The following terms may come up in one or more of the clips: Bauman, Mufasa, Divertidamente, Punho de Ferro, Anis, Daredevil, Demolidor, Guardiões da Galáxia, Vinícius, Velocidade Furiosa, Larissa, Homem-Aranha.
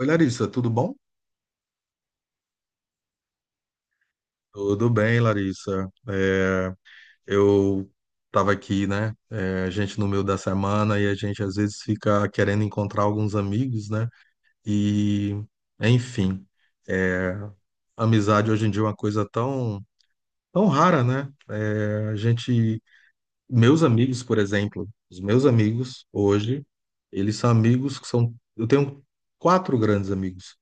Oi, Larissa, tudo bom? Tudo bem, Larissa. Eu estava aqui, né? A gente no meio da semana e a gente às vezes fica querendo encontrar alguns amigos, né? E, enfim, é, amizade hoje em dia é uma coisa tão, tão rara, né? Meus amigos, por exemplo, os meus amigos hoje, eles são amigos que são. Eu tenho quatro grandes amigos,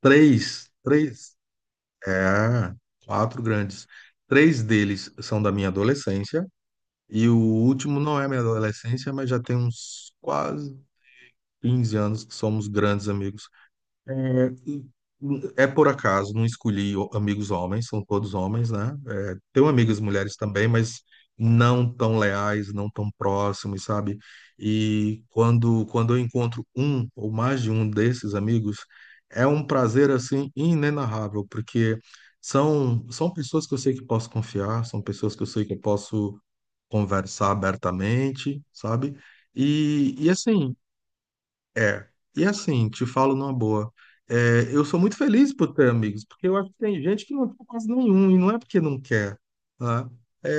três, três. É, quatro grandes. Três deles são da minha adolescência, e o último não é minha adolescência, mas já tem uns quase 15 anos que somos grandes amigos. É por acaso, não escolhi amigos homens, são todos homens, né? Tenho amigas mulheres também, mas não tão leais, não tão próximos, sabe? E quando eu encontro um ou mais de um desses amigos, é um prazer assim inenarrável, porque são pessoas que eu sei que posso confiar, são pessoas que eu sei que eu posso conversar abertamente, sabe? E assim, é. E assim, te falo numa boa. Eu sou muito feliz por ter amigos, porque eu acho que tem gente que não tem quase nenhum, e não é porque não quer, né? É,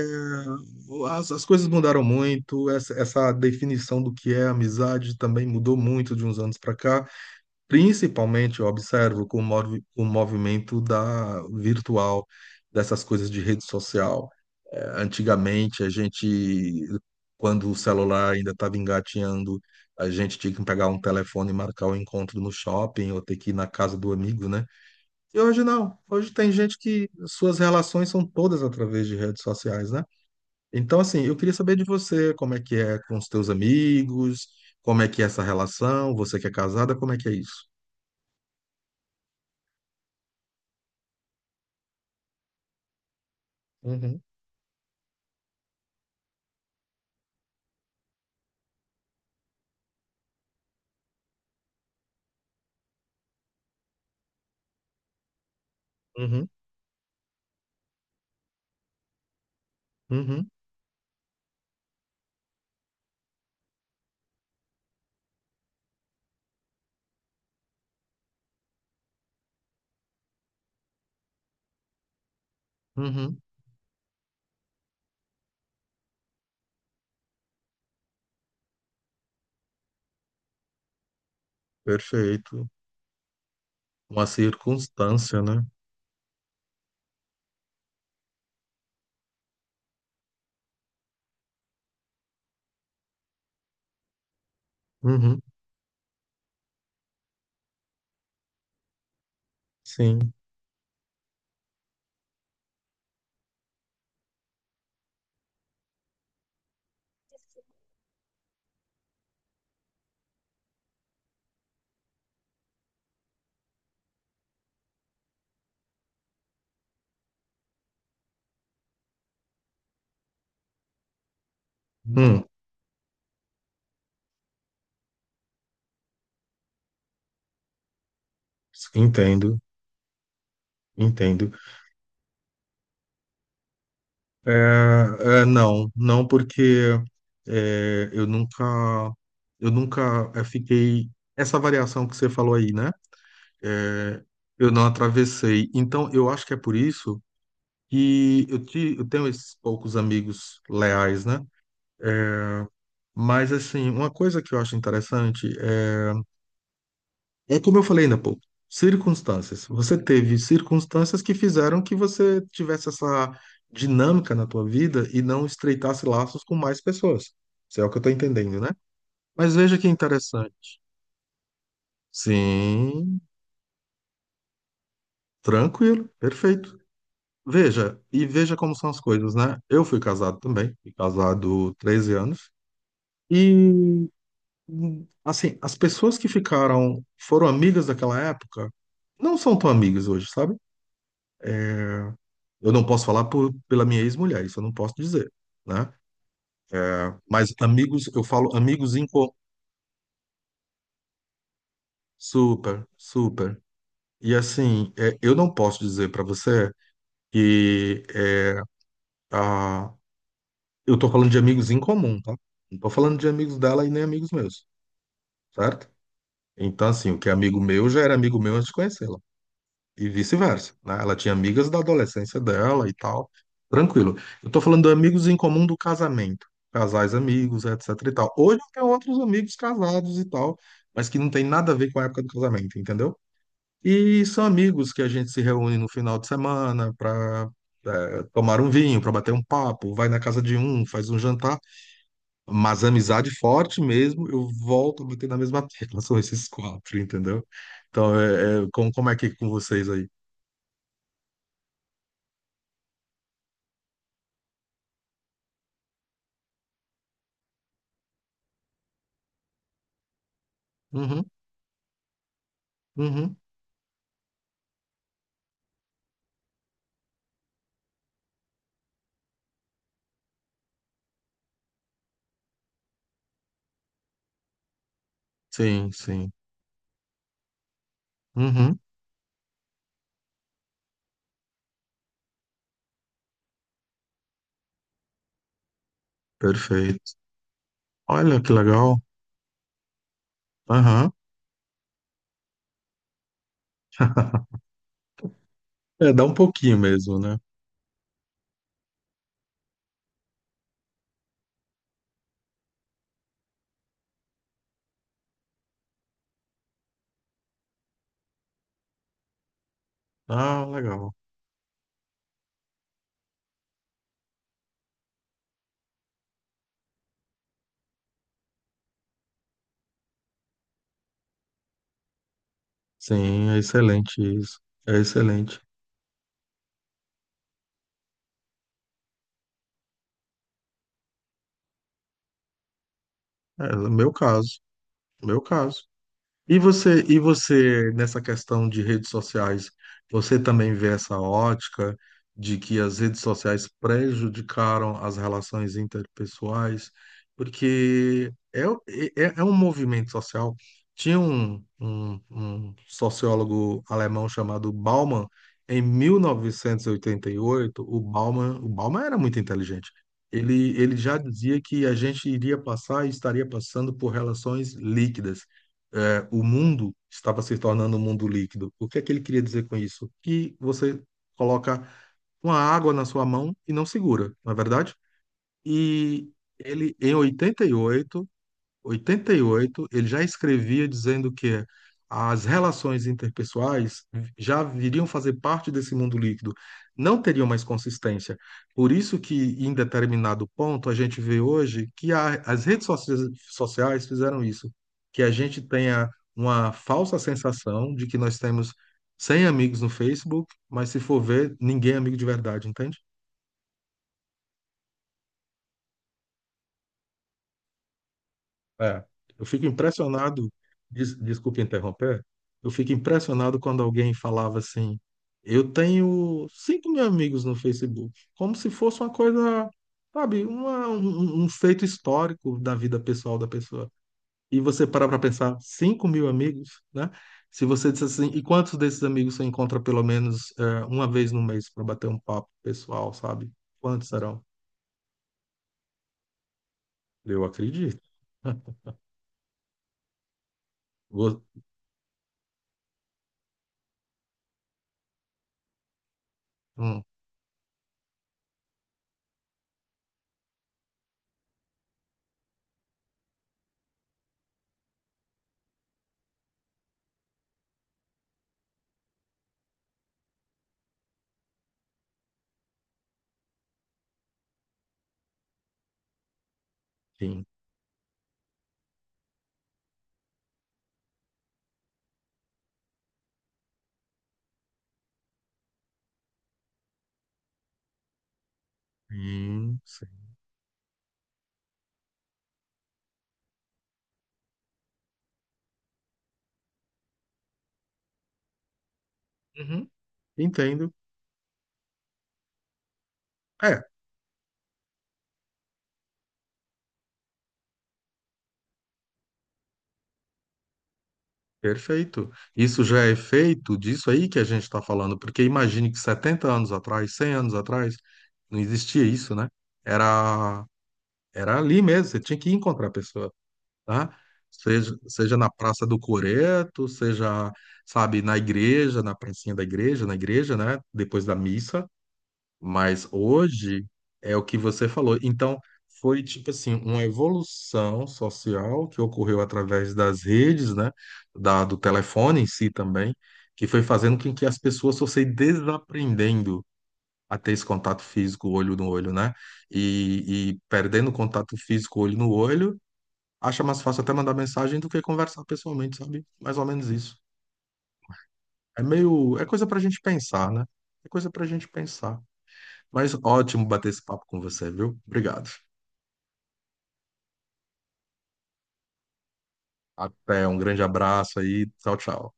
as coisas mudaram muito, essa definição do que é amizade também mudou muito de uns anos para cá. Principalmente, eu observo com o o movimento da virtual, dessas coisas de rede social. Antigamente, a gente, quando o celular ainda estava engatinhando, a gente tinha que pegar um telefone e marcar o encontro no shopping ou ter que ir na casa do amigo, né? E hoje não. Hoje tem gente que suas relações são todas através de redes sociais, né? Então, assim, eu queria saber de você, como é que é com os teus amigos, como é que é essa relação, você que é casada, como é que é isso? Uhum, uhum, uhum. Perfeito. Uma circunstância, né? Uhum, sim. Hum, entendo, entendo. É, não, não porque é, eu nunca, eu nunca fiquei. Essa variação que você falou aí, né? É, eu não atravessei. Então, eu acho que é por isso que eu tenho esses poucos amigos leais, né? Mas, assim, uma coisa que eu acho interessante é. Como eu falei ainda há pouco, circunstâncias. Você teve circunstâncias que fizeram que você tivesse essa dinâmica na tua vida e não estreitasse laços com mais pessoas. Isso é o que eu estou entendendo, né? Mas veja que interessante. Sim, tranquilo, perfeito. Veja, e veja como são as coisas, né? Eu fui casado também, fui casado 13 anos. E, assim, as pessoas que ficaram, foram amigas daquela época, não são tão amigas hoje, sabe? Eu não posso falar pela minha ex-mulher, isso eu não posso dizer, né? Mas amigos, eu falo amigos em super, super. E assim, eu não posso dizer para você que é, a, eu tô falando de amigos em comum, tá? Não tô falando de amigos dela e nem amigos meus, certo? Então, assim, o que é amigo meu já era amigo meu antes de conhecê-la. E vice-versa, né? Ela tinha amigas da adolescência dela e tal, tranquilo. Eu tô falando de amigos em comum do casamento, casais amigos, etc e tal. Hoje eu tenho outros amigos casados e tal, mas que não tem nada a ver com a época do casamento, entendeu? E são amigos que a gente se reúne no final de semana para tomar um vinho, para bater um papo, vai na casa de um, faz um jantar, mas amizade forte mesmo, eu volto a bater na mesma tecla, são esses quatro, entendeu? Então, como é que é com vocês aí? Uhum. Sim, sim. Uhum. Perfeito. Olha que legal. Aham. Dá um pouquinho mesmo, né? Ah, legal. Sim, é excelente isso. É excelente. É, no meu caso. no Meu caso. E você, nessa questão de redes sociais, você também vê essa ótica de que as redes sociais prejudicaram as relações interpessoais? Porque é um movimento social. Tinha um sociólogo alemão chamado Bauman, em mil novecentos e oitenta e oito, o Bauman era muito inteligente. Ele já dizia que a gente iria passar e estaria passando por relações líquidas. O mundo estava se tornando um mundo líquido. O que é que ele queria dizer com isso? Que você coloca uma água na sua mão e não segura, não é verdade? E ele, em oitenta e oito ele já escrevia dizendo que as relações interpessoais já viriam fazer parte desse mundo líquido, não teriam mais consistência. Por isso que, em determinado ponto, a gente vê hoje que as redes sociais fizeram isso, que a gente tenha uma falsa sensação de que nós temos 100 amigos no Facebook, mas se for ver, ninguém é amigo de verdade, entende? É, eu fico impressionado, desculpa interromper, eu fico impressionado quando alguém falava assim, eu tenho 5.000 amigos no Facebook, como se fosse uma coisa, sabe, um feito histórico da vida pessoal da pessoa. E você parar para pensar, 5.000 amigos, né? Se você disser assim, e quantos desses amigos você encontra pelo menos uma vez no mês para bater um papo pessoal, sabe? Quantos serão? Eu acredito. Vou- Hum, sim, sim. Sim. Entendo. É, perfeito. Isso já é feito disso aí que a gente está falando, porque imagine que 70 anos atrás, 100 anos atrás, não existia isso, né? Era, era ali mesmo, você tinha que encontrar a pessoa, tá? Seja, seja na Praça do Coreto, seja, sabe, na igreja, na pracinha da igreja, na igreja, né? Depois da missa, mas hoje é o que você falou. Então, foi tipo assim, uma evolução social que ocorreu através das redes, né? Do telefone em si também, que foi fazendo com que as pessoas fossem desaprendendo a ter esse contato físico olho no olho, né? E perdendo o contato físico olho no olho, acha mais fácil até mandar mensagem do que conversar pessoalmente, sabe? Mais ou menos isso. É coisa pra gente pensar, né? É coisa pra gente pensar. Mas ótimo bater esse papo com você, viu? Obrigado. Até, um grande abraço aí. Tchau, tchau.